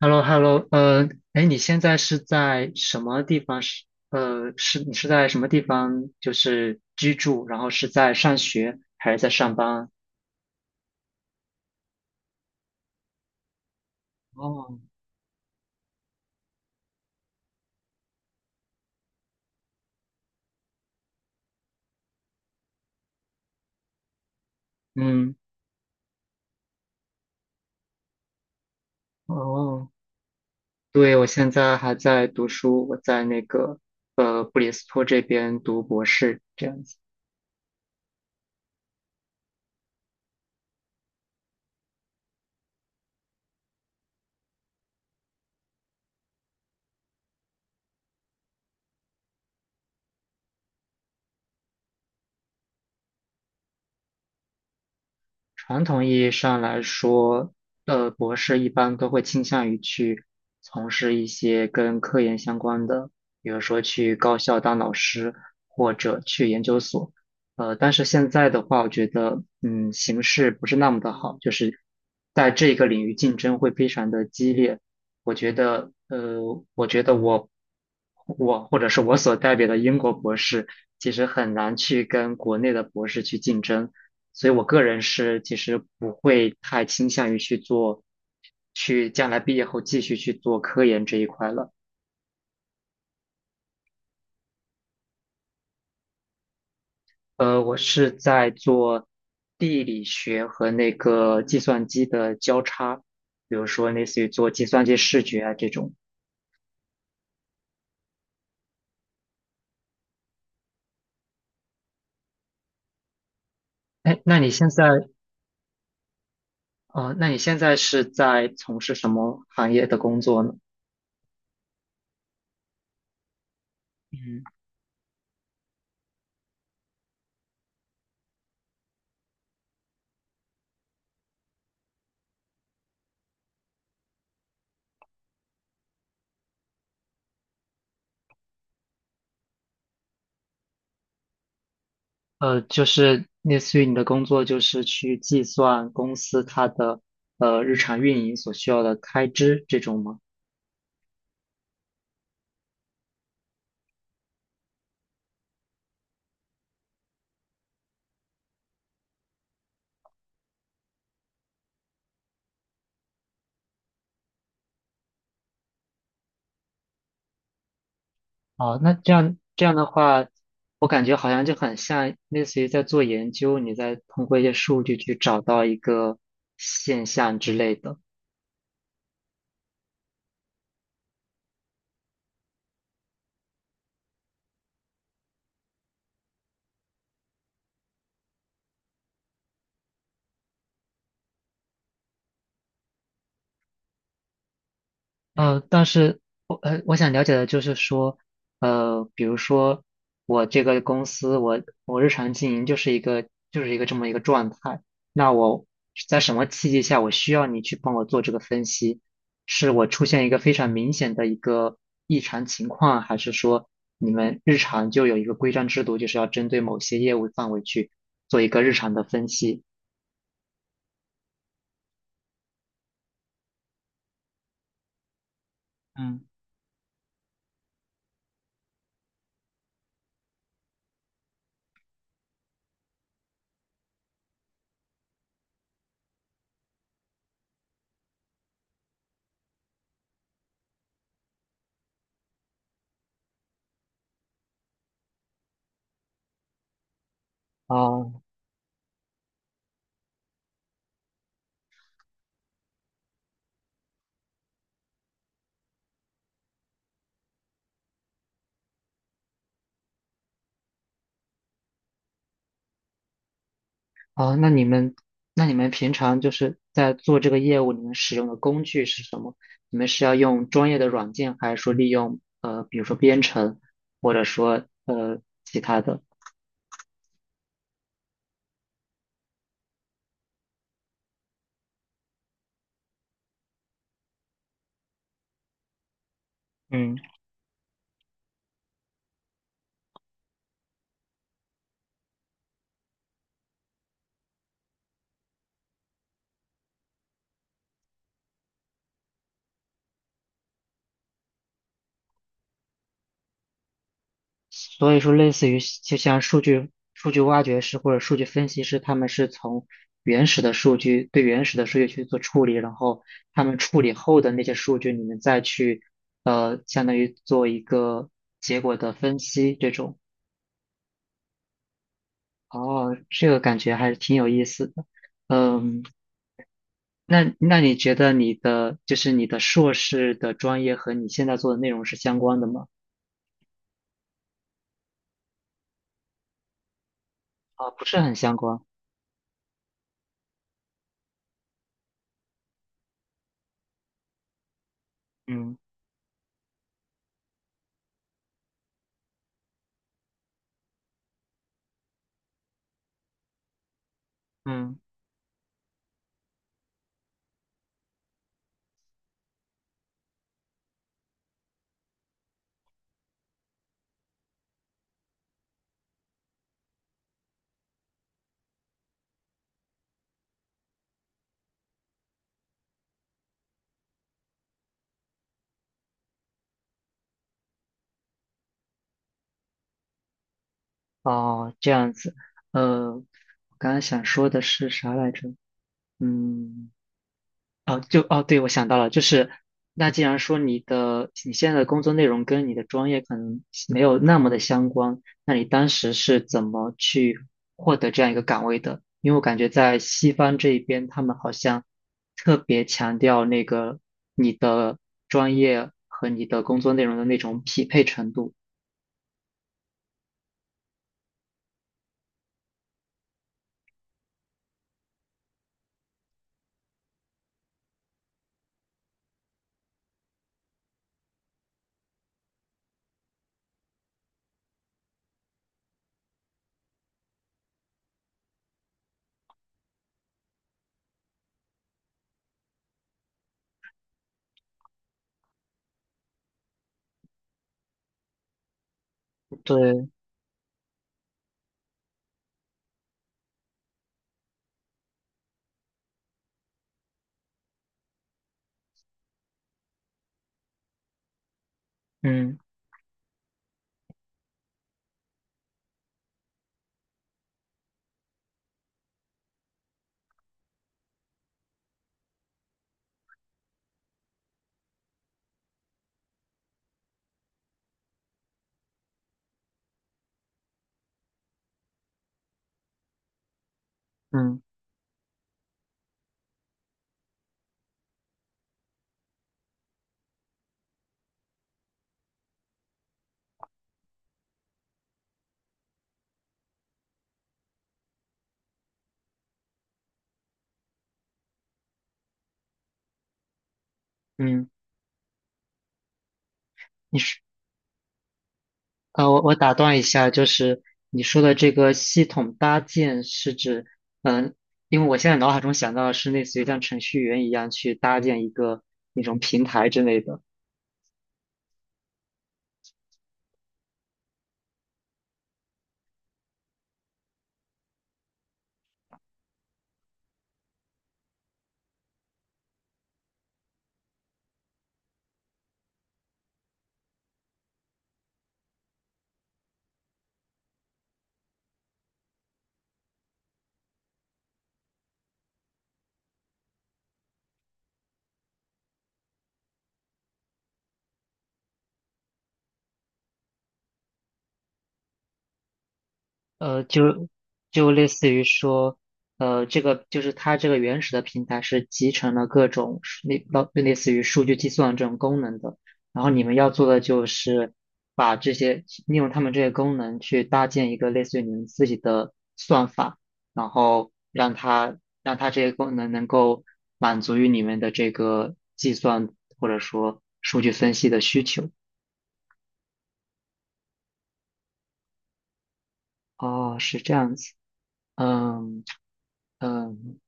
h e l l o h e l l o 哎，你现在是在什么地方？你是在什么地方？就是居住，然后是在上学还是在上班？哦。嗯。哦，对，我现在还在读书，我在那个布里斯托这边读博士，这样子。传统意义上来说，博士一般都会倾向于去从事一些跟科研相关的，比如说去高校当老师，或者去研究所。但是现在的话，我觉得，形势不是那么的好，就是在这个领域竞争会非常的激烈。我觉得，我或者是我所代表的英国博士，其实很难去跟国内的博士去竞争。所以我个人是其实不会太倾向于去做，去将来毕业后继续去做科研这一块了。我是在做地理学和那个计算机的交叉，比如说类似于做计算机视觉啊这种。哎，那你现在，那你现在是在从事什么行业的工作呢？嗯。就是类似于你的工作，就是去计算公司它的日常运营所需要的开支这种吗？哦，那这样的话，我感觉好像就很像类似于在做研究，你在通过一些数据去找到一个现象之类的。呃，但是我想了解的就是说，比如说我这个公司，我日常经营就是一个这么一个状态，那我在什么契机下我需要你去帮我做这个分析？是我出现一个非常明显的一个异常情况，还是说你们日常就有一个规章制度，就是要针对某些业务范围去做一个日常的分析？嗯。啊。哦，那你们，那你们平常就是在做这个业务，你们使用的工具是什么？你们是要用专业的软件，还是说利用比如说编程，或者说其他的？嗯。所以说类似于就像数据挖掘师或者数据分析师，他们是从原始的数据对原始的数据去做处理，然后他们处理后的那些数据，你们再去相当于做一个结果的分析这种。哦，这个感觉还是挺有意思的。嗯，那那你觉得你的就是你的硕士的专业和你现在做的内容是相关的吗？啊，不是很相关。嗯嗯。哦，这样子。我刚刚想说的是啥来着？嗯。哦，对，我想到了，就是那既然说你的你现在的工作内容跟你的专业可能没有那么的相关，那你当时是怎么去获得这样一个岗位的？因为我感觉在西方这一边，他们好像特别强调那个你的专业和你的工作内容的那种匹配程度。对。嗯嗯嗯。你啊，我打断一下，就是你说的这个系统搭建是指，嗯，因为我现在脑海中想到的是类似于像程序员一样去搭建一个那种平台之类的。呃，就就类似于说，这个就是它这个原始的平台是集成了各种数类类似于数据计算这种功能的，然后你们要做的就是把这些利用他们这些功能去搭建一个类似于你们自己的算法，然后让它这些功能能够满足于你们的这个计算或者说数据分析的需求。哦，是这样子。嗯嗯。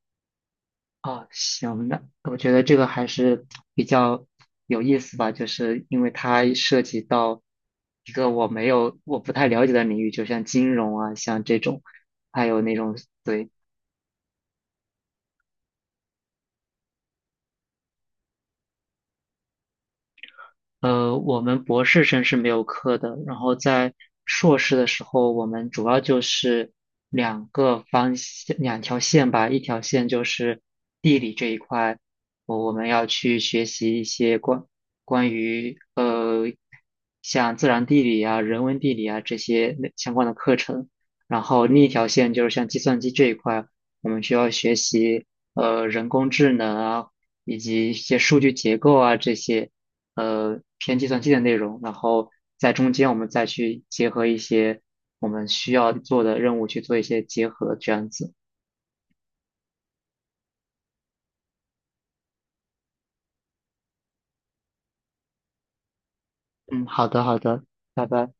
啊，行，那我觉得这个还是比较有意思吧，就是因为它涉及到一个我没有、我不太了解的领域，就像金融啊，像这种，还有那种对。我们博士生是没有课的，然后在硕士的时候，我们主要就是两个方向，两条线吧，一条线就是地理这一块，我们要去学习一些关于像自然地理啊、人文地理啊这些内相关的课程，然后另一条线就是像计算机这一块，我们需要学习人工智能啊，以及一些数据结构啊这些。偏计算机的内容，然后在中间我们再去结合一些我们需要做的任务去做一些结合，这样子。嗯，好的，好的，拜拜。